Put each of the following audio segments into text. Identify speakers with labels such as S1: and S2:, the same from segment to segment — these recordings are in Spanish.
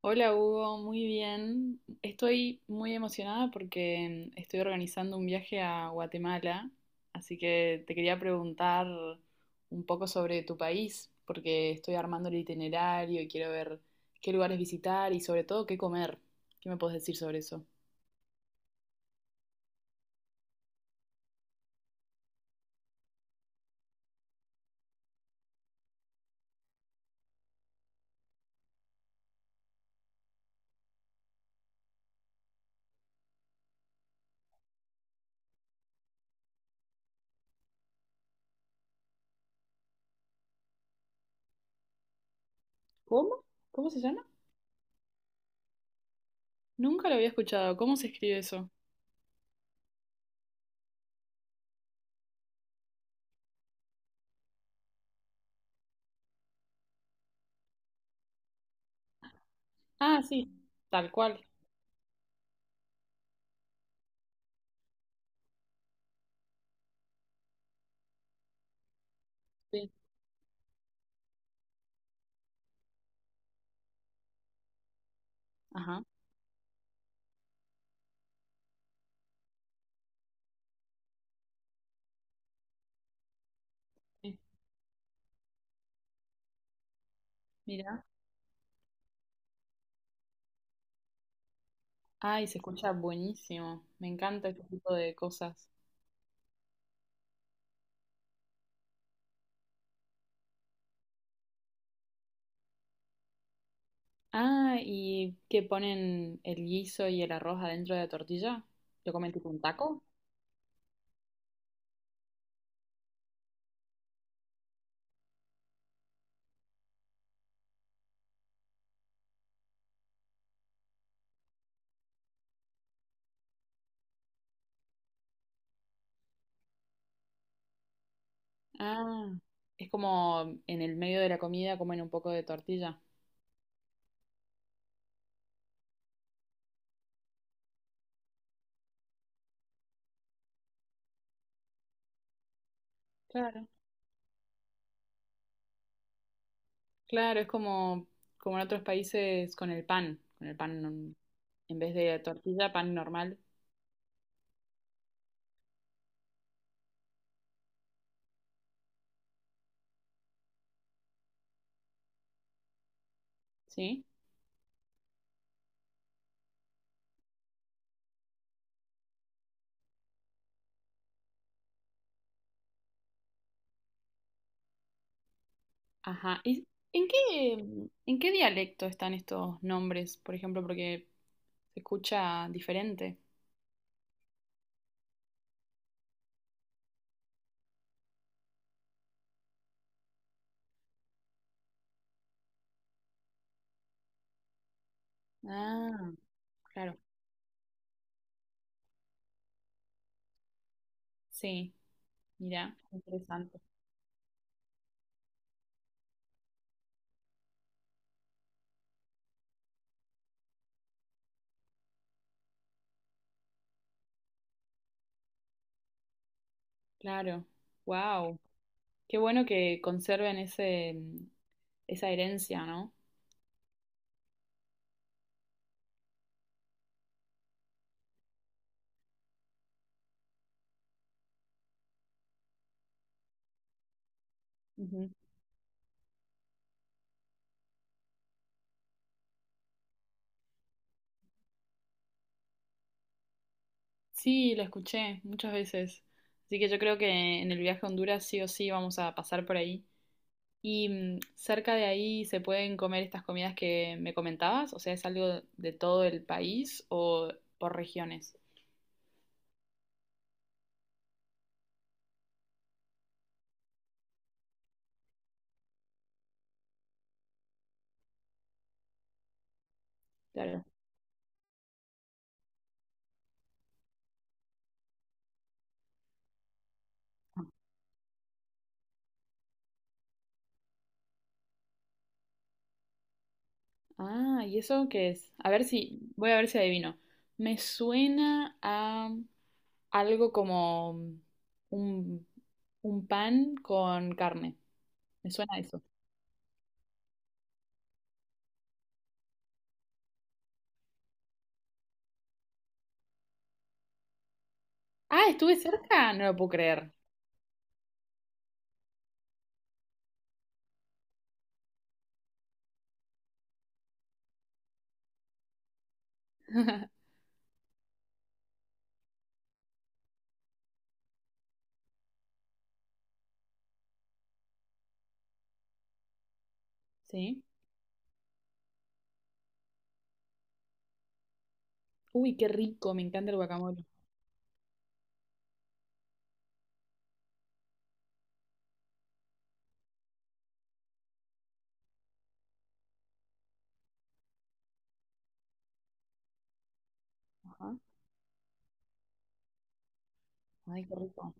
S1: Hola Hugo, muy bien. Estoy muy emocionada porque estoy organizando un viaje a Guatemala, así que te quería preguntar un poco sobre tu país, porque estoy armando el itinerario y quiero ver qué lugares visitar y sobre todo qué comer. ¿Qué me puedes decir sobre eso? ¿Cómo? ¿Cómo se llama? Nunca lo había escuchado. ¿Cómo se escribe eso? Ah, sí, tal cual. Sí, ajá. Sí, mira. Ay, se escucha buenísimo. Me encanta este tipo de cosas. Ah, ¿y que ponen el guiso y el arroz adentro de la tortilla? ¿Lo comen tipo un taco? Ah, es como en el medio de la comida comen un poco de tortilla. Claro. Claro, es como, como en otros países con el pan en vez de tortilla, pan normal, ¿sí? Ajá. ¿Y en qué dialecto están estos nombres, por ejemplo? Porque se escucha diferente. Ah, claro. Sí, mira, interesante. Claro, wow, qué bueno que conserven ese, esa herencia, ¿no? Ujú. Sí, la escuché muchas veces, así que yo creo que en el viaje a Honduras sí o sí vamos a pasar por ahí. Y cerca de ahí se pueden comer estas comidas que me comentabas, o sea, ¿es algo de todo el país o por regiones? Claro. Ah, ¿y eso qué es? A ver voy a ver si adivino. Me suena a algo como un, un pan con carne. Me suena a eso. Ah, estuve cerca, no lo puedo creer. Sí. Uy, qué rico, me encanta el guacamole. Ajá. Ay, qué rico.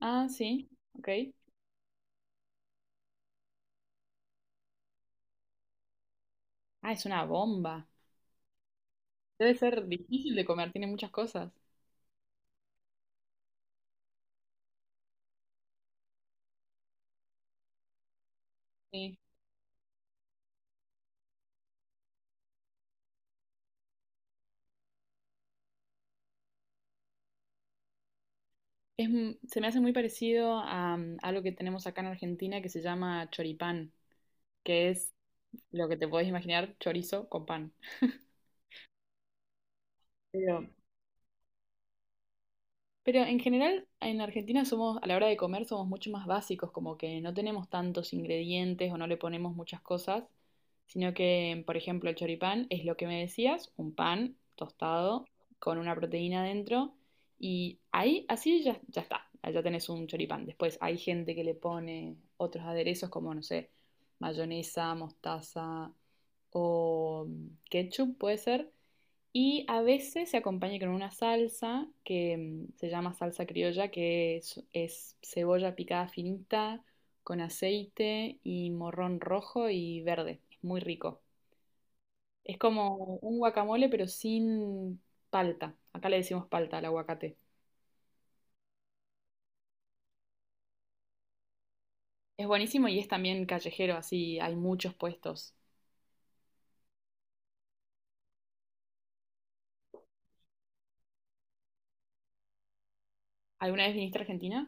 S1: Ah, sí, ok. Ah, es una bomba. Debe ser difícil de comer, tiene muchas cosas. Sí. Se me hace muy parecido a, algo que tenemos acá en Argentina que se llama choripán, que es lo que te podés imaginar, chorizo con pan. Pero Pero en general, en Argentina somos, a la hora de comer, somos mucho más básicos, como que no tenemos tantos ingredientes o no le ponemos muchas cosas, sino que, por ejemplo, el choripán es lo que me decías, un pan tostado con una proteína dentro y ahí, así ya, ya está, ya tenés un choripán. Después hay gente que le pone otros aderezos como, no sé, mayonesa, mostaza o ketchup, puede ser, y a veces se acompaña con una salsa que se llama salsa criolla, que es cebolla picada finita, con aceite y morrón rojo y verde. Es muy rico. Es como un guacamole, pero sin palta. Acá le decimos palta al aguacate. Es buenísimo y es también callejero, así hay muchos puestos. ¿Alguna vez viniste a Argentina?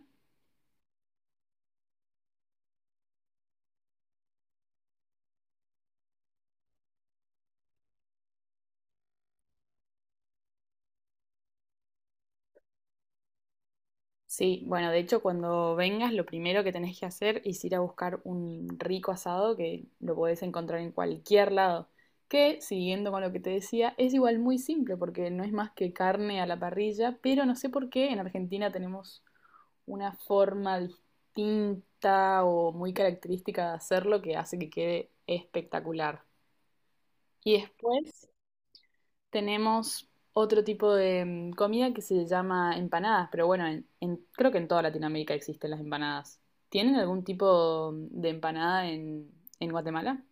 S1: Sí, bueno, de hecho, cuando vengas, lo primero que tenés que hacer es ir a buscar un rico asado que lo podés encontrar en cualquier lado. Que, siguiendo con lo que te decía, es igual muy simple porque no es más que carne a la parrilla, pero no sé por qué en Argentina tenemos una forma distinta o muy característica de hacerlo que hace que quede espectacular. Y después, tenemos otro tipo de comida que se llama empanadas, pero bueno, creo que en toda Latinoamérica existen las empanadas. ¿Tienen algún tipo de empanada en Guatemala?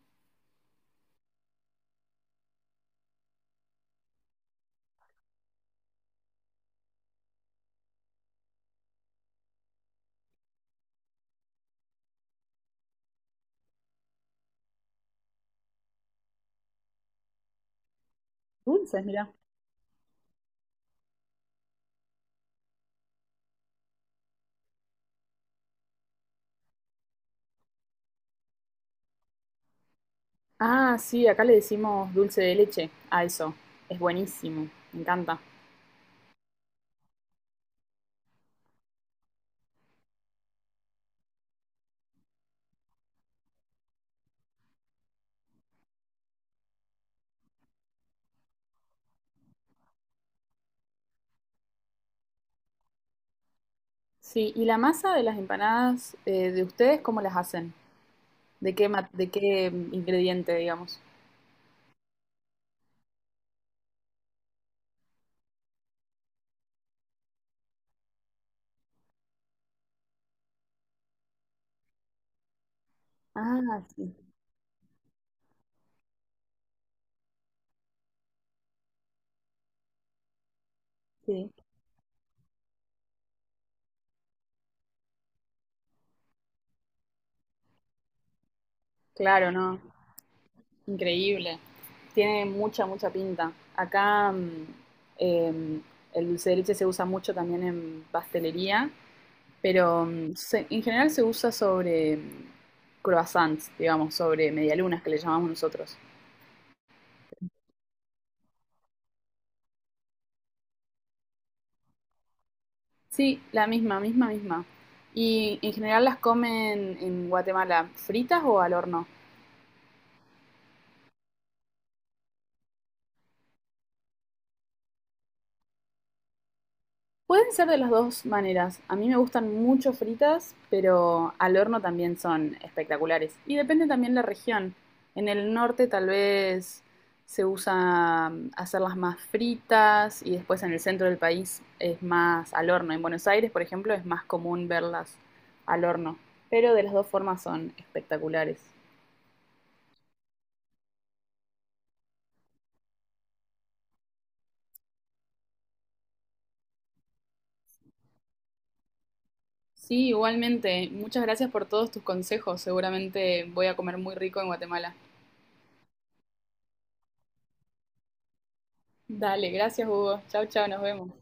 S1: Dulces, mira. Ah, sí, acá le decimos dulce de leche a eso. Es buenísimo, me encanta. Sí, ¿y la masa de las empanadas de ustedes cómo las hacen? ¿ De qué ingrediente, digamos? Ah, sí, sí. Claro, no. Increíble. Tiene mucha, mucha pinta. Acá eh, el dulce de leche se usa mucho también en pastelería, pero en general se usa sobre croissants, digamos, sobre medialunas que le llamamos nosotros. Sí, la misma, misma, misma. Y en general las comen en Guatemala, fritas o al horno. Pueden ser de las dos maneras. A mí me gustan mucho fritas, pero al horno también son espectaculares. Y depende también la región. En el norte tal vez se usa hacerlas más fritas y después en el centro del país es más al horno. En Buenos Aires, por ejemplo, es más común verlas al horno. Pero de las dos formas son espectaculares. Sí, igualmente. Muchas gracias por todos tus consejos. Seguramente voy a comer muy rico en Guatemala. Dale, gracias Hugo. Chau, chau, nos vemos.